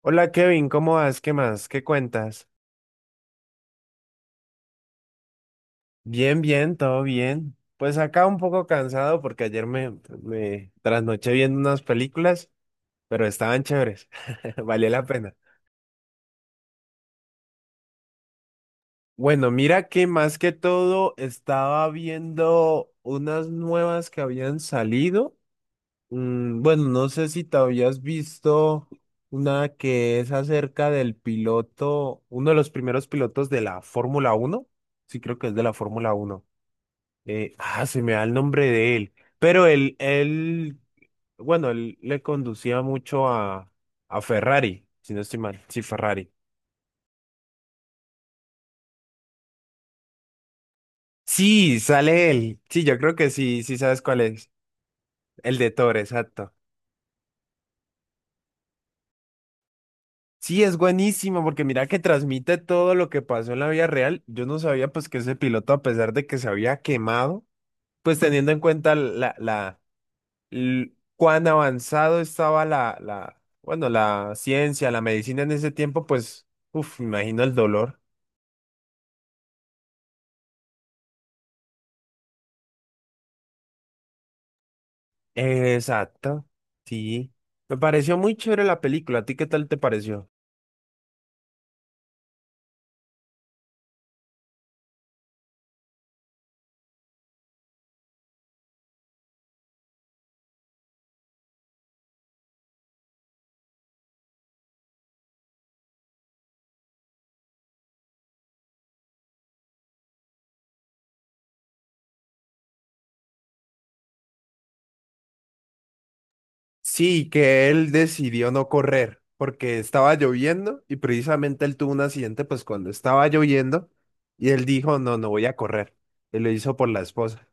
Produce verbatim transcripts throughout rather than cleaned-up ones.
Hola Kevin, ¿cómo vas? ¿Qué más? ¿Qué cuentas? Bien, bien, todo bien. Pues acá un poco cansado porque ayer me, me trasnoché viendo unas películas, pero estaban chéveres. Valió la pena. Bueno, mira que más que todo estaba viendo unas nuevas que habían salido. Mm, bueno, no sé si te habías visto una que es acerca del piloto, uno de los primeros pilotos de la Fórmula Uno. Sí, creo que es de la Fórmula Uno. Eh, ah, se me da el nombre de él. Pero él, él, bueno, él le conducía mucho a, a Ferrari, si no estoy mal. Sí, Ferrari. Sí, sale él. Sí, yo creo que sí, sí sabes cuál es. El de Thor, exacto. Sí, es buenísimo porque mira que transmite todo lo que pasó en la vida real. Yo no sabía pues que ese piloto, a pesar de que se había quemado, pues teniendo en cuenta la, la, l- cuán avanzado estaba la, la, bueno, la ciencia, la medicina en ese tiempo, pues, uff, me imagino el dolor. Exacto, sí. Me pareció muy chévere la película. ¿A ti qué tal te pareció? Sí, que él decidió no correr porque estaba lloviendo y precisamente él tuvo un accidente pues cuando estaba lloviendo y él dijo, no, no voy a correr. Y lo hizo por la esposa.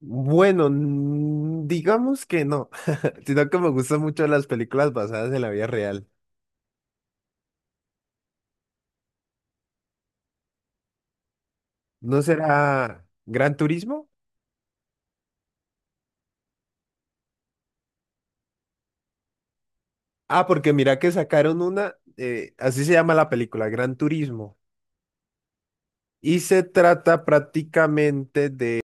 Bueno, mm, digamos que no, sino que me gustan mucho las películas basadas en la vida real. ¿No será Gran Turismo? Ah, porque mira que sacaron una, eh, así se llama la película, Gran Turismo. Y se trata prácticamente de,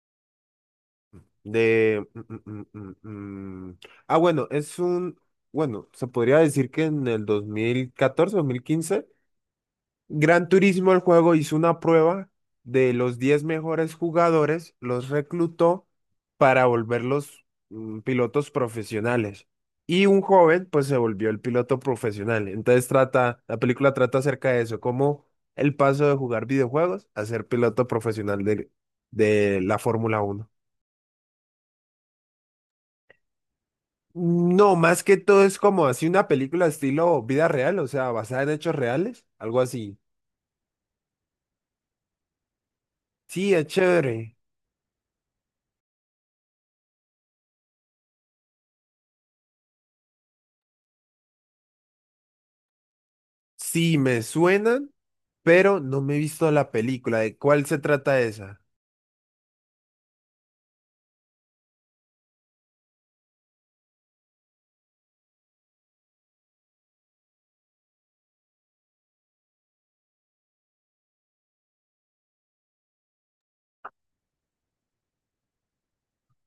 de... mm, mm, mm, mm, mm. Ah, bueno, es un... Bueno, se podría decir que en el dos dos mil catorce, dos mil quince. Gran Turismo, el juego, hizo una prueba de los diez mejores jugadores, los reclutó para volverlos mm, pilotos profesionales. Y un joven, pues, se volvió el piloto profesional. Entonces trata, la película trata acerca de eso, como el paso de jugar videojuegos a ser piloto profesional de, de la Fórmula Uno. No, más que todo es como así una película estilo vida real, o sea, basada en hechos reales, algo así. Sí, es chévere. Sí, me suenan, pero no me he visto la película. ¿De cuál se trata esa?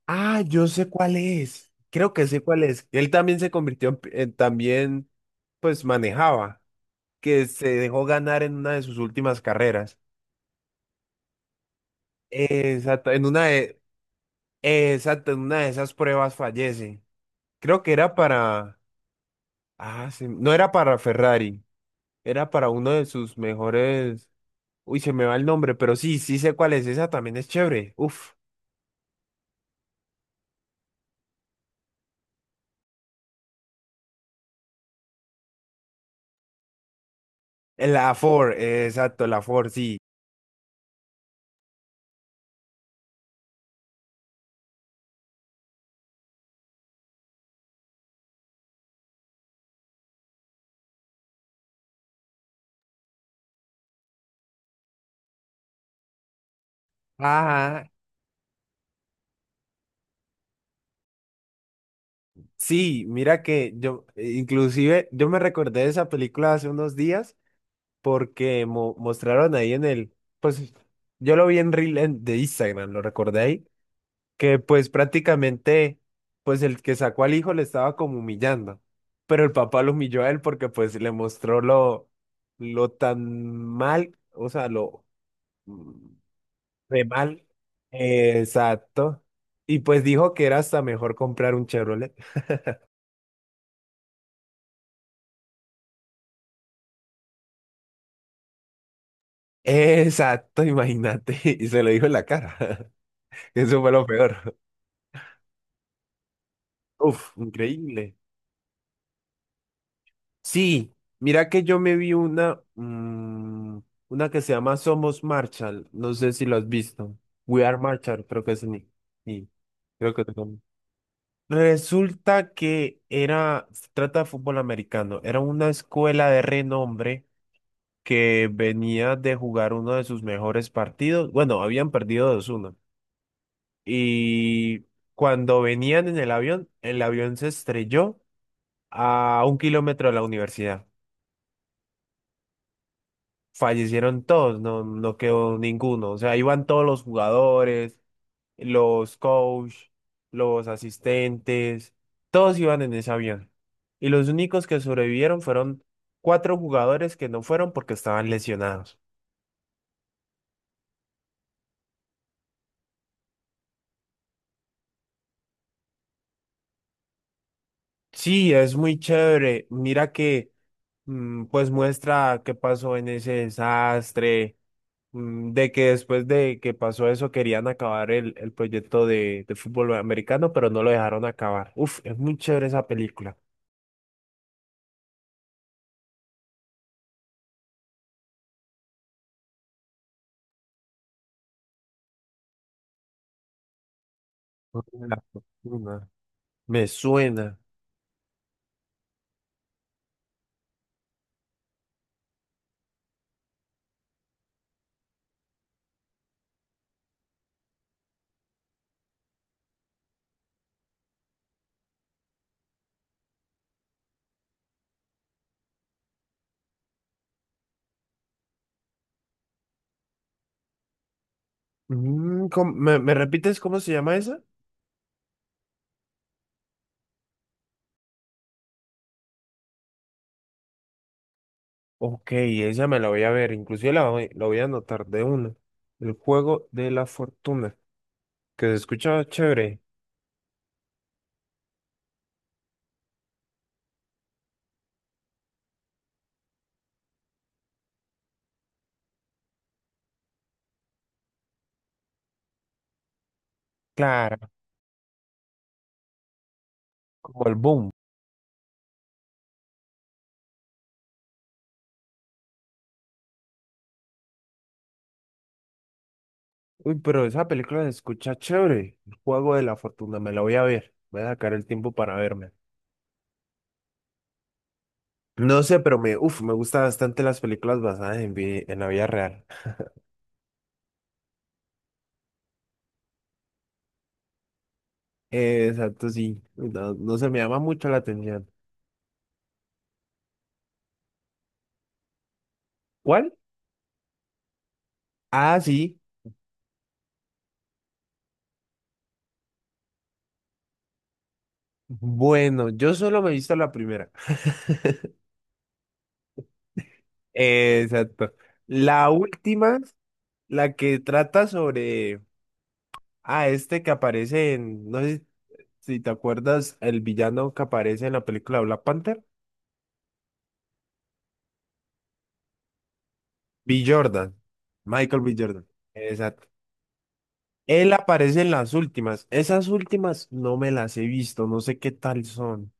Ah, yo sé cuál es. Creo que sé cuál es. Él también se convirtió en, pi- en- también, pues manejaba, que se dejó ganar en una de sus últimas carreras. Exacto, en una de, exacto, en una de esas pruebas fallece. Creo que era para, ah, sí, no era para Ferrari, era para uno de sus mejores. Uy, se me va el nombre, pero sí, sí sé cuál es. Esa también es chévere. Uf. Eh, La Ford, eh, exacto, la Ford, sí. Ajá. Sí, mira que yo, eh, inclusive, yo me recordé de esa película hace unos días porque mo- mostraron ahí en el, pues yo lo vi en Reel en- de Instagram, lo recordé ahí, que pues prácticamente, pues el que sacó al hijo le estaba como humillando, pero el papá lo humilló a él porque pues le mostró lo, lo, tan mal, o sea, lo, mm, re mal. Exacto. Y pues dijo que era hasta mejor comprar un Chevrolet. Exacto, imagínate. Y se lo dijo en la cara. Eso fue lo peor. Uf, increíble. Sí, mira que yo me vi una, mm, una que se llama Somos Marshall. No sé si lo has visto. We Are Marshall, creo que es ni. ni- Creo que es como- Resulta que era, se trata de fútbol americano. Era una escuela de renombre que venía de jugar uno de sus mejores partidos. Bueno, habían perdido dos uno. Y cuando venían en el avión, el avión se estrelló a un kilómetro de la universidad. Fallecieron todos, no, no quedó ninguno. O sea, iban todos los jugadores, los coach, los asistentes, todos iban en ese avión. Y los únicos que sobrevivieron fueron cuatro jugadores que no fueron porque estaban lesionados. Sí, es muy chévere. Mira que mm, pues muestra qué pasó en ese desastre, mm, de que después de que pasó eso querían acabar el, el proyecto de, de fútbol americano, pero no lo dejaron acabar. Uf, es muy chévere esa película. Orden de La fortuna. Me suena. Mm, ¿cómo- me, me repites cómo se llama esa? Ok, esa me la voy a ver, inclusive la voy, la voy a anotar de una. El juego de la fortuna, que se escucha chévere, claro, como el boom. Uy, pero esa película se escucha chévere. El juego de la fortuna, me la voy a ver. Voy a sacar el tiempo para verme. No sé, pero me, uf, me gustan bastante las películas basadas en, vi- en la vida real. Eh, exacto, sí. No, no se me llama mucho la atención. ¿Cuál? Ah, sí. Bueno, yo solo me he visto la primera. Eh, exacto. La última, la que trata sobre, ah, este que aparece en, no sé si te acuerdas, el villano que aparece en la película Black Panther. B. Jordan, Michael B. Jordan, exacto. Él aparece en las últimas. Esas últimas no me las he visto, no sé qué tal son.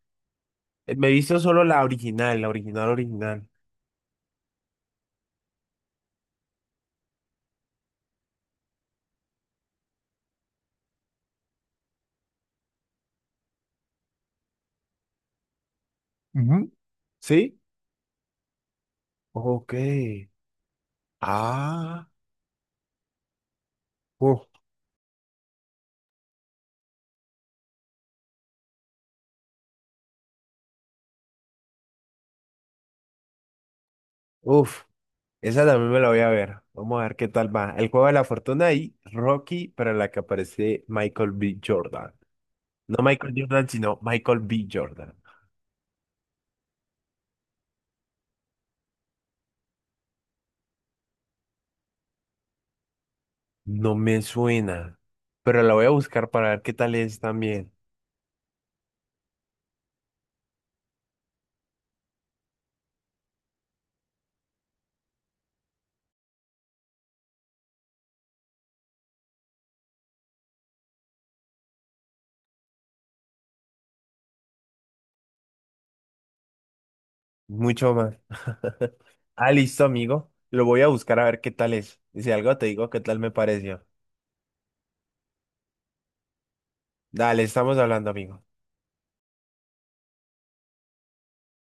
Eh, Me he visto solo la original, la original, original. Ujú. ¿Sí? Ok. Ah, uf, uf. Esa también me la voy a ver. Vamos a ver qué tal va. El juego de la fortuna y Rocky, para la que aparece Michael B. Jordan. No Michael Jordan, sino Michael B. Jordan. No me suena, pero la voy a buscar para ver qué tal es también. Mucho más. Ah, listo, amigo. Lo voy a buscar a ver qué tal es. Y si algo te digo, qué tal me pareció. Dale, estamos hablando, amigo.